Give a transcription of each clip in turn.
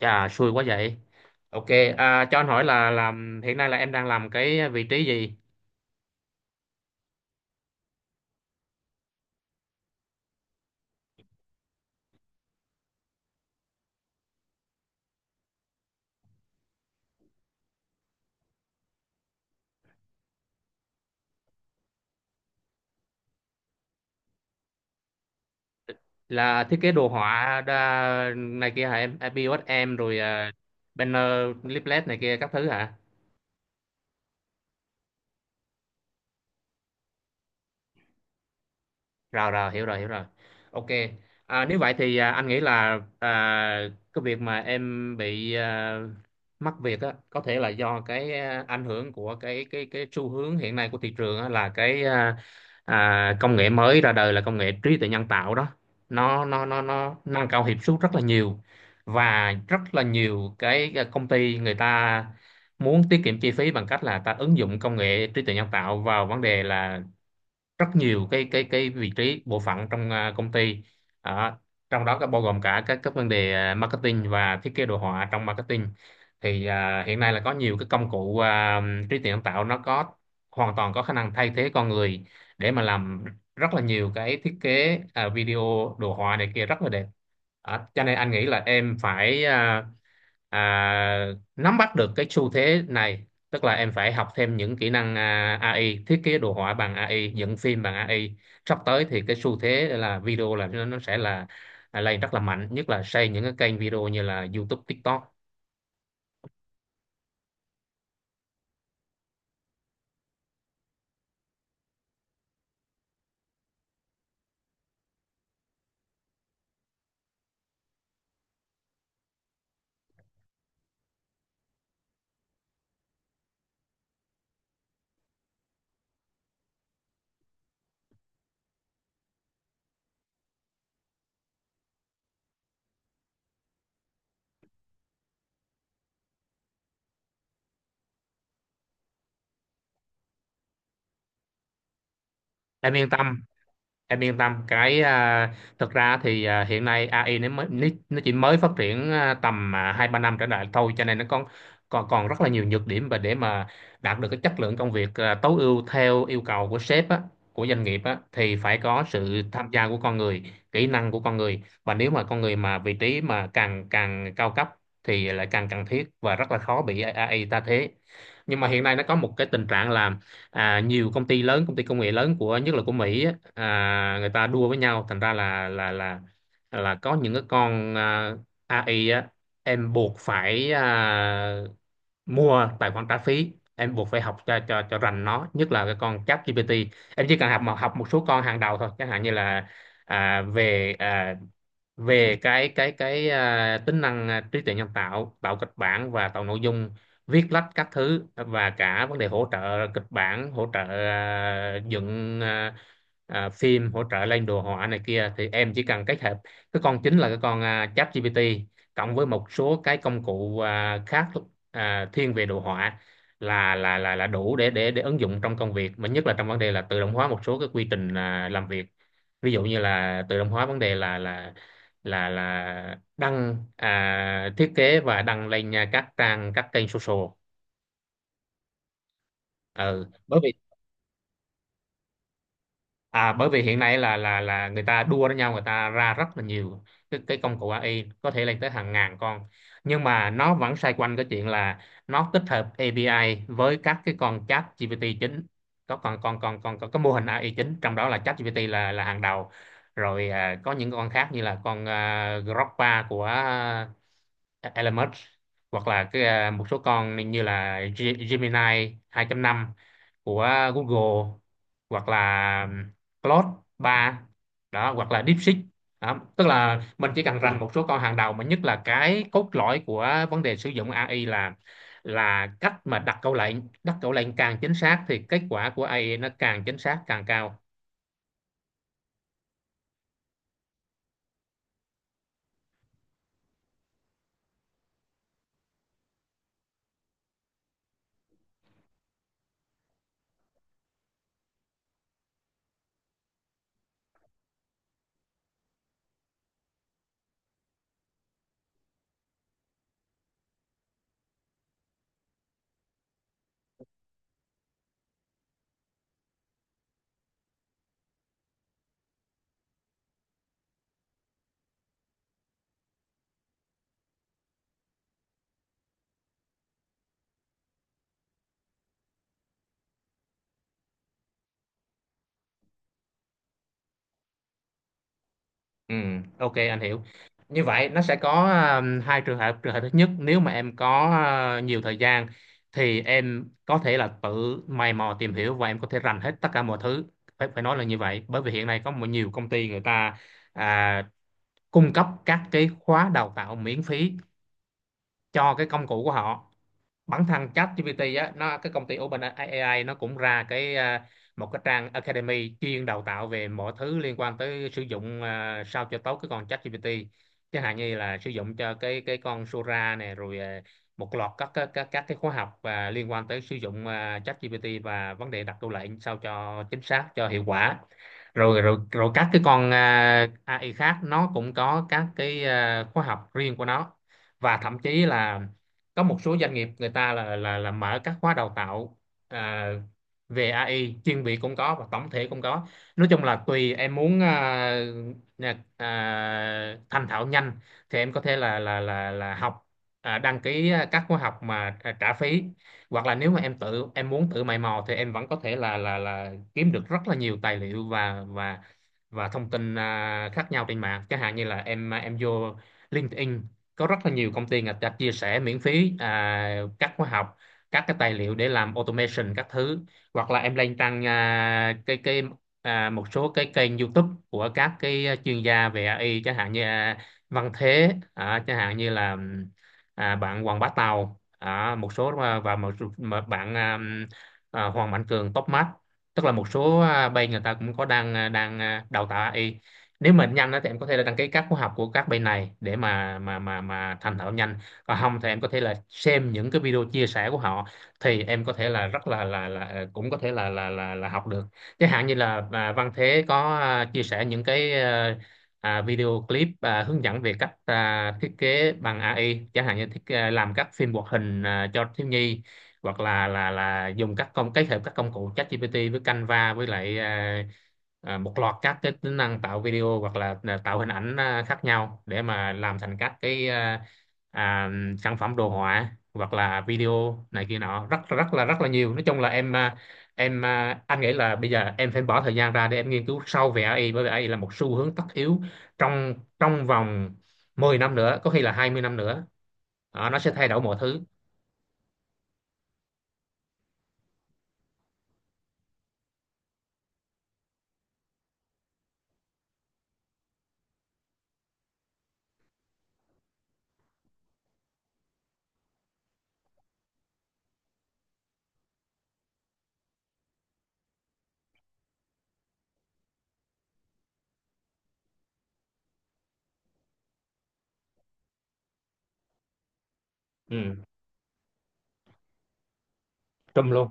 Chà, xui quá vậy. Ok, cho anh hỏi là làm hiện nay là em đang làm cái vị trí gì? Là thiết kế đồ họa đa, này kia hả em? À, POS em rồi banner, leaflet này kia các thứ hả? Rồi rồi, hiểu rồi hiểu rồi, ok. Nếu vậy thì anh nghĩ là cái việc mà em bị mất việc á có thể là do cái ảnh hưởng của cái xu hướng hiện nay của thị trường á, là cái công nghệ mới ra đời là công nghệ trí tuệ nhân tạo đó. Nó nâng cao hiệu suất rất là nhiều, và rất là nhiều cái công ty người ta muốn tiết kiệm chi phí bằng cách là ta ứng dụng công nghệ trí tuệ nhân tạo vào vấn đề là rất nhiều cái vị trí bộ phận trong công ty. Đó, trong đó có bao gồm cả các vấn đề marketing và thiết kế đồ họa trong marketing, thì hiện nay là có nhiều cái công cụ trí tuệ nhân tạo, nó có hoàn toàn có khả năng thay thế con người để mà làm rất là nhiều cái thiết kế video, đồ họa này kia rất là đẹp. Đó, cho nên anh nghĩ là em phải à, nắm bắt được cái xu thế này, tức là em phải học thêm những kỹ năng AI, thiết kế đồ họa bằng AI, dựng phim bằng AI. Sắp tới thì cái xu thế là video, là nó sẽ là lên rất là mạnh, nhất là xây những cái kênh video như là YouTube, TikTok. Em yên tâm, em yên tâm cái thực ra thì hiện nay AI nó mới, nó chỉ mới phát triển tầm hai ba năm trở lại thôi, cho nên nó còn còn còn rất là nhiều nhược điểm, và để mà đạt được cái chất lượng công việc tối ưu theo yêu cầu của sếp á, của doanh nghiệp á, thì phải có sự tham gia của con người, kỹ năng của con người, và nếu mà con người mà vị trí mà càng càng cao cấp thì lại càng cần thiết và rất là khó bị AI ta thế. Nhưng mà hiện nay nó có một cái tình trạng là nhiều công ty lớn, công ty công nghệ lớn của, nhất là của Mỹ á, người ta đua với nhau, thành ra là có những cái con AI á, em buộc phải mua tài khoản trả phí, em buộc phải học cho rành nó, nhất là cái con ChatGPT. Em chỉ cần học, mà học một số con hàng đầu thôi, chẳng hạn như là à, về à, về cái tính năng trí tuệ nhân tạo, tạo kịch bản và tạo nội dung, viết lách các thứ, và cả vấn đề hỗ trợ kịch bản, hỗ trợ dựng phim, hỗ trợ lên đồ họa này kia, thì em chỉ cần kết hợp cái con chính là cái con ChatGPT cộng với một số cái công cụ khác, thiên về đồ họa, là đủ để ứng dụng trong công việc, mà nhất là trong vấn đề là tự động hóa một số cái quy trình làm việc. Ví dụ như là tự động hóa vấn đề là đăng thiết kế và đăng lên các trang, các kênh social. Ừ. Bởi vì hiện nay là người ta đua với nhau, người ta ra rất là nhiều cái công cụ AI, có thể lên tới hàng ngàn con, nhưng mà nó vẫn xoay quanh cái chuyện là nó tích hợp API với các cái con chat GPT chính, có còn còn còn còn có cái mô hình AI chính trong đó là chat GPT là hàng đầu. Rồi có những con khác như là con Grokpa của Elements, hoặc là cái một số con như là Gemini 2.5 của Google, hoặc là Claude 3 đó, hoặc là DeepSeek đó. Tức là mình chỉ cần rành một số con hàng đầu, mà nhất là cái cốt lõi của vấn đề sử dụng AI là cách mà đặt câu lệnh. Đặt câu lệnh càng chính xác thì kết quả của AI nó càng chính xác, càng cao. Ừ, ok, anh hiểu. Như vậy nó sẽ có hai trường hợp. Trường hợp thứ nhất, nếu mà em có nhiều thời gian thì em có thể là tự mày mò tìm hiểu và em có thể rành hết tất cả mọi thứ. Phải phải nói là như vậy, bởi vì hiện nay có một nhiều công ty người ta à, cung cấp các cái khóa đào tạo miễn phí cho cái công cụ của họ. Bản thân ChatGPT á, nó, cái công ty OpenAI nó cũng ra cái một cái trang Academy chuyên đào tạo về mọi thứ liên quan tới sử dụng sao cho tốt cái con ChatGPT, chẳng hạn như là sử dụng cho cái con Sora này, rồi một loạt các cái khóa học và liên quan tới sử dụng ChatGPT và vấn đề đặt câu lệnh sao cho chính xác, cho hiệu quả. Rồi rồi rồi các cái con AI khác nó cũng có các cái khóa học riêng của nó, và thậm chí là có một số doanh nghiệp người ta là mở các khóa đào tạo à, về AI chuyên biệt cũng có, và tổng thể cũng có. Nói chung là tùy em muốn thành thạo nhanh, thì em có thể là học đăng ký các khóa học mà trả phí, hoặc là nếu mà em tự, em muốn tự mày mò thì em vẫn có thể là kiếm được rất là nhiều tài liệu và thông tin khác nhau trên mạng, chẳng hạn như là em vô LinkedIn, có rất là nhiều công ty người ta chia sẻ miễn phí các khóa học, các cái tài liệu để làm automation các thứ. Hoặc là em lên trang một số cái kênh YouTube của các cái chuyên gia về AI, chẳng hạn như Văn Thế, chẳng hạn như là bạn Hoàng Bá Tàu, một số và mà bạn Hoàng Mạnh Cường Topmart, tức là một số bên người ta cũng có đang đào tạo AI. Nếu mà nhanh á thì em có thể là đăng ký các khóa học của các bên này để mà thành thạo nhanh, còn không thì em có thể là xem những cái video chia sẻ của họ, thì em có thể là rất là cũng có thể là học được. Chẳng hạn như là Văn Thế có chia sẻ những cái video clip hướng dẫn về cách thiết kế bằng AI, chẳng hạn như làm các phim hoạt hình cho thiếu nhi, hoặc là dùng các công, kết hợp các công cụ ChatGPT với Canva, với lại một loạt các cái tính năng tạo video hoặc là tạo hình ảnh khác nhau để mà làm thành các cái à, sản phẩm đồ họa hoặc là video này kia nọ, rất rất là nhiều. Nói chung là em anh nghĩ là bây giờ em phải bỏ thời gian ra để em nghiên cứu sâu về AI, bởi vì AI là một xu hướng tất yếu trong trong vòng 10 năm nữa, có khi là 20 năm nữa. Đó, nó sẽ thay đổi mọi thứ. Ừ, trùm luôn.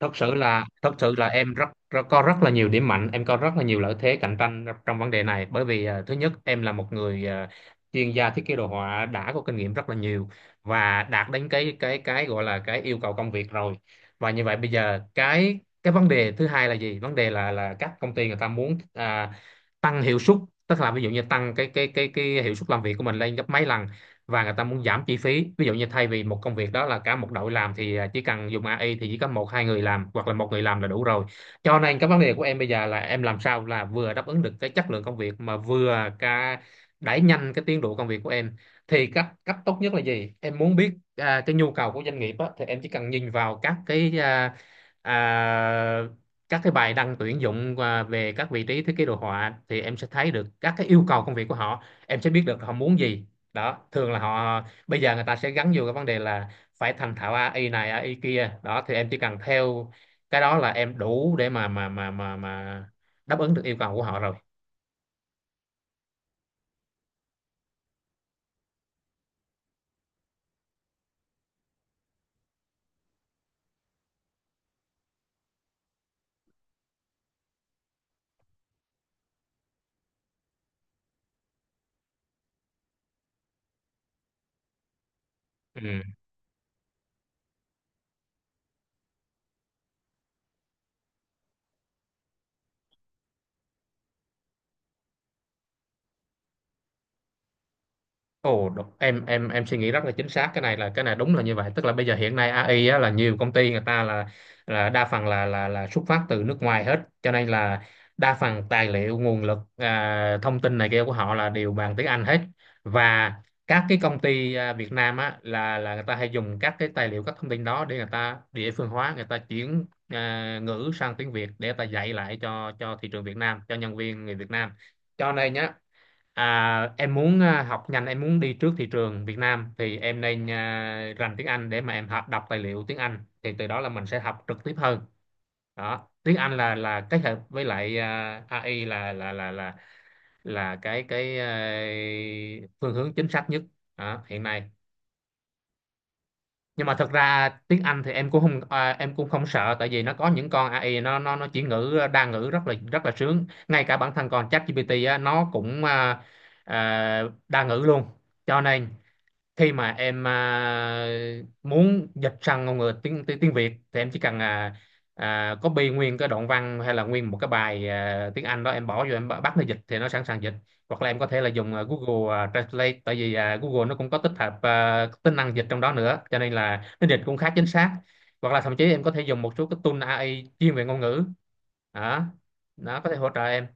Thật sự là em rất, rất có rất là nhiều điểm mạnh, em có rất là nhiều lợi thế cạnh tranh trong vấn đề này, bởi vì thứ nhất, em là một người chuyên gia thiết kế đồ họa đã có kinh nghiệm rất là nhiều và đạt đến cái gọi là cái yêu cầu công việc rồi. Và như vậy bây giờ cái vấn đề thứ hai là gì, vấn đề là các công ty người ta muốn tăng hiệu suất, tức là ví dụ như tăng cái hiệu suất làm việc của mình lên gấp mấy lần, và người ta muốn giảm chi phí, ví dụ như thay vì một công việc đó là cả một đội làm thì chỉ cần dùng AI thì chỉ có một hai người làm hoặc là một người làm là đủ rồi. Cho nên cái vấn đề của em bây giờ là em làm sao là vừa đáp ứng được cái chất lượng công việc mà vừa cả đẩy nhanh cái tiến độ công việc của em, thì cách cách tốt nhất là gì em muốn biết. Cái nhu cầu của doanh nghiệp á, thì em chỉ cần nhìn vào các à, các cái bài đăng tuyển dụng về các vị trí thiết kế đồ họa thì em sẽ thấy được các cái yêu cầu công việc của họ, em sẽ biết được họ muốn gì. Đó, thường là họ bây giờ người ta sẽ gắn vô cái vấn đề là phải thành thạo AI này AI kia. Đó thì em chỉ cần theo cái đó là em đủ để mà đáp ứng được yêu cầu của họ rồi. Ừ. Ồ, em suy nghĩ rất là chính xác, cái này là cái này đúng là như vậy. Tức là bây giờ hiện nay AI á, là nhiều công ty người ta là đa phần là xuất phát từ nước ngoài hết, cho nên là đa phần tài liệu nguồn lực, thông tin này kia của họ là đều bằng tiếng Anh hết. Và các cái công ty Việt Nam á, là người ta hay dùng các cái tài liệu các thông tin đó để người ta địa phương hóa, người ta chuyển ngữ sang tiếng Việt để người ta dạy lại cho thị trường Việt Nam, cho nhân viên người Việt Nam. Cho nên nhá, À, em muốn học nhanh, em muốn đi trước thị trường Việt Nam thì em nên rành tiếng Anh để mà em học đọc tài liệu tiếng Anh, thì từ đó là mình sẽ học trực tiếp hơn. Đó, tiếng Anh là kết hợp với lại AI là cái phương hướng chính xác nhất đó, hiện nay. Nhưng mà thật ra tiếng Anh thì em cũng không em cũng không sợ, tại vì nó có những con AI nó chỉ ngữ đa ngữ rất là sướng, ngay cả bản thân con ChatGPT á, nó cũng à, đa ngữ luôn. Cho nên khi mà em muốn dịch sang ngôn ngữ tiếng tiếng, tiếng Việt thì em chỉ cần copy nguyên cái đoạn văn hay là nguyên một cái bài tiếng Anh đó, em bỏ vô em bắt nó dịch thì nó sẵn sàng dịch. Hoặc là em có thể là dùng Google Translate, tại vì Google nó cũng có tích hợp tính năng dịch trong đó nữa, cho nên là nó dịch cũng khá chính xác. Hoặc là thậm chí em có thể dùng một số cái tool AI chuyên về ngôn ngữ đó, nó có thể hỗ trợ em.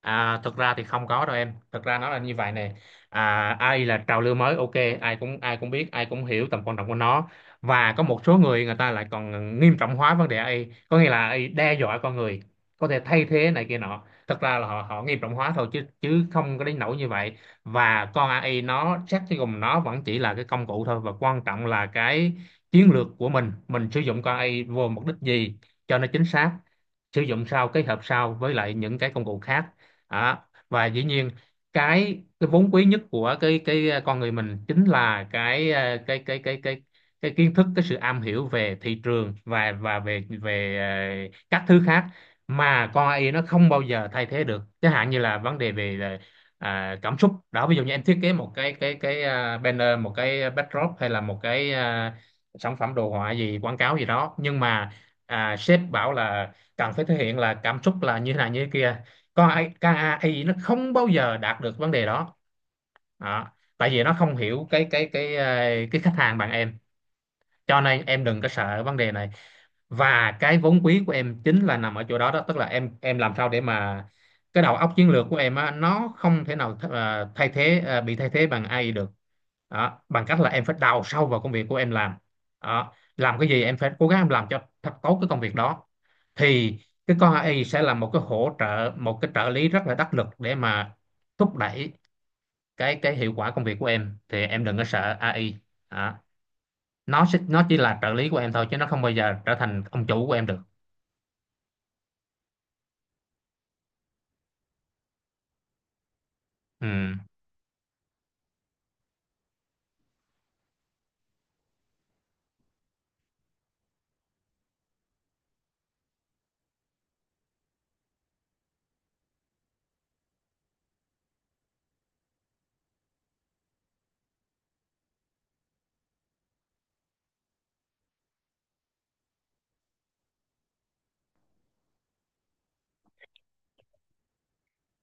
À, thực ra thì không có đâu em. Thực ra nó là như vậy nè. À, AI là trào lưu mới, ok, ai cũng biết, ai cũng hiểu tầm quan trọng của nó. Và có một số người, người ta lại còn nghiêm trọng hóa vấn đề AI, có nghĩa là AI đe dọa con người, có thể thay thế này kia nọ. Thực ra là họ họ nghiêm trọng hóa thôi, chứ chứ không có đến nỗi như vậy. Và con AI nó xét cho cùng nó vẫn chỉ là cái công cụ thôi, và quan trọng là cái chiến lược của mình sử dụng con AI vô mục đích gì cho nó chính xác, sử dụng sao kết hợp sao với lại những cái công cụ khác đó. Và dĩ nhiên cái vốn quý nhất của con người mình chính là cái ờ, cái kiến thức, cái sự am hiểu về thị trường và về về ờ, các thứ khác mà con AI nó không bao giờ thay thế được, chẳng hạn như là vấn đề về là, cảm xúc đó. Ví dụ như em thiết kế một cái banner, một cái backdrop, hay là một cái sản phẩm đồ họa gì quảng cáo gì đó, nhưng mà sếp bảo là cần phải thể hiện là cảm xúc là như thế này như thế kia, coi KAI nó không bao giờ đạt được vấn đề đó. Đó, tại vì nó không hiểu cái khách hàng bạn em, cho nên em đừng có sợ vấn đề này. Và cái vốn quý của em chính là nằm ở chỗ đó đó, tức là em làm sao để mà cái đầu óc chiến lược của em á, nó không thể nào th ờ, thay thế ờ, bị thay thế bằng AI được. Đó, bằng cách là em phải đào sâu vào công việc của em làm. Đó, làm cái gì em phải cố gắng em làm cho thật tốt cái công việc đó, thì cái con AI sẽ là một cái hỗ trợ, một cái trợ lý rất là đắc lực để mà thúc đẩy cái hiệu quả công việc của em. Thì em đừng có sợ AI đó, nó chỉ là trợ lý của em thôi, chứ nó không bao giờ trở thành ông chủ của em được. Ừ.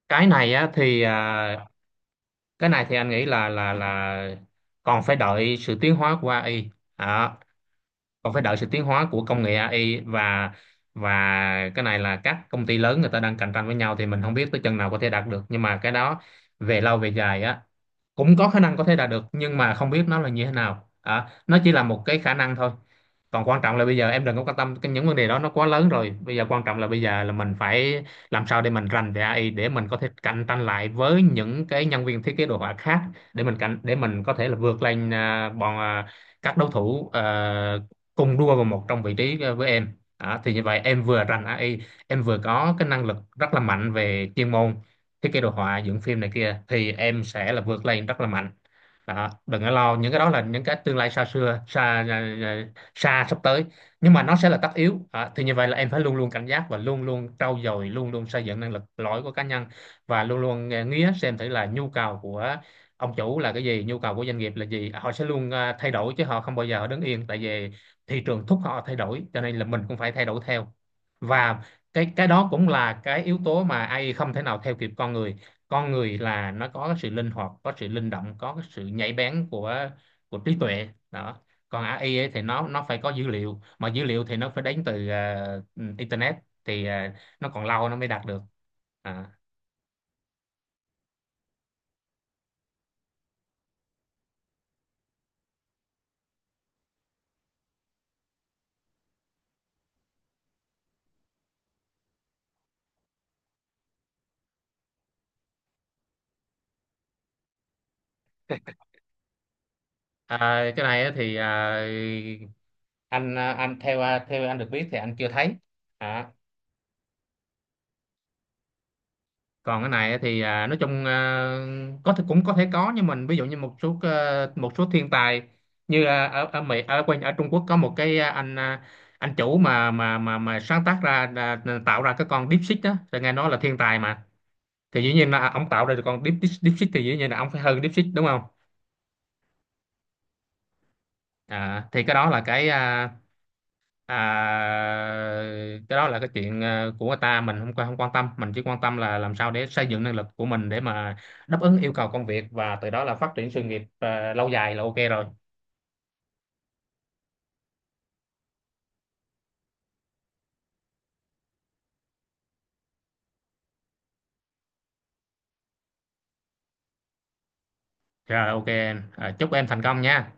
cái này á thì à, cái này thì anh nghĩ là còn phải đợi sự tiến hóa của AI. Đó, còn phải đợi sự tiến hóa của công nghệ AI, và cái này là các công ty lớn người ta đang cạnh tranh với nhau, thì mình không biết tới chừng nào có thể đạt được, nhưng mà cái đó về lâu về dài á, cũng có khả năng có thể đạt được, nhưng mà không biết nó là như thế nào, nó chỉ là một cái khả năng thôi. Còn quan trọng là bây giờ em đừng có quan tâm cái những vấn đề đó, nó quá lớn rồi. Bây giờ quan trọng là bây giờ là mình phải làm sao để mình rành về AI, để mình có thể cạnh tranh lại với những cái nhân viên thiết kế đồ họa khác, để mình có thể là vượt lên các đối thủ cùng đua vào một trong vị trí với em đó. Thì như vậy em vừa rành AI, em vừa có cái năng lực rất là mạnh về chuyên môn thiết kế đồ họa dựng phim này kia, thì em sẽ là vượt lên rất là mạnh. Đó, đừng có lo, những cái đó là những cái tương lai xa xưa xa xa, sắp tới nhưng mà nó sẽ là tất yếu. Đó, thì như vậy là em phải luôn luôn cảnh giác, và luôn luôn trau dồi, luôn luôn xây dựng năng lực lõi của cá nhân, và luôn luôn nghía xem thử là nhu cầu của ông chủ là cái gì, nhu cầu của doanh nghiệp là gì. Họ sẽ luôn thay đổi chứ họ không bao giờ họ đứng yên, tại vì thị trường thúc họ thay đổi, cho nên là mình cũng phải thay đổi theo. Và cái đó cũng là cái yếu tố mà AI không thể nào theo kịp con người. Con người là nó có cái sự linh hoạt, có sự linh động, có cái sự nhạy bén của trí tuệ đó. Còn AI ấy thì nó phải có dữ liệu, mà dữ liệu thì nó phải đến từ internet, thì nó còn lâu nó mới đạt được. À. À, cái này á thì à, anh ờ, anh theo ờ, theo anh được biết thì anh chưa thấy. À, còn cái này thì nói chung có thể cũng có thể có, nhưng mình ví dụ như một số thiên tài, như ở ở Mỹ, ở quanh ở Trung Quốc, có một cái anh chủ mà sáng tác ra ra- tạo ra cái con DeepSeek đó, thì nghe nói là thiên tài mà. Thì dĩ nhiên là ông tạo ra được con Deep, Deep, DeepSeek thì dĩ nhiên là ông phải hơn DeepSeek đúng không. À, thì cái đó là à, cái chuyện của người ta, mình không quan tâm. Mình chỉ quan tâm là làm sao để xây dựng năng lực của mình để mà đáp ứng yêu cầu công việc, và từ đó là phát triển sự nghiệp lâu dài là ok rồi. Rồi ok em. Ờ, chúc em thành công nha.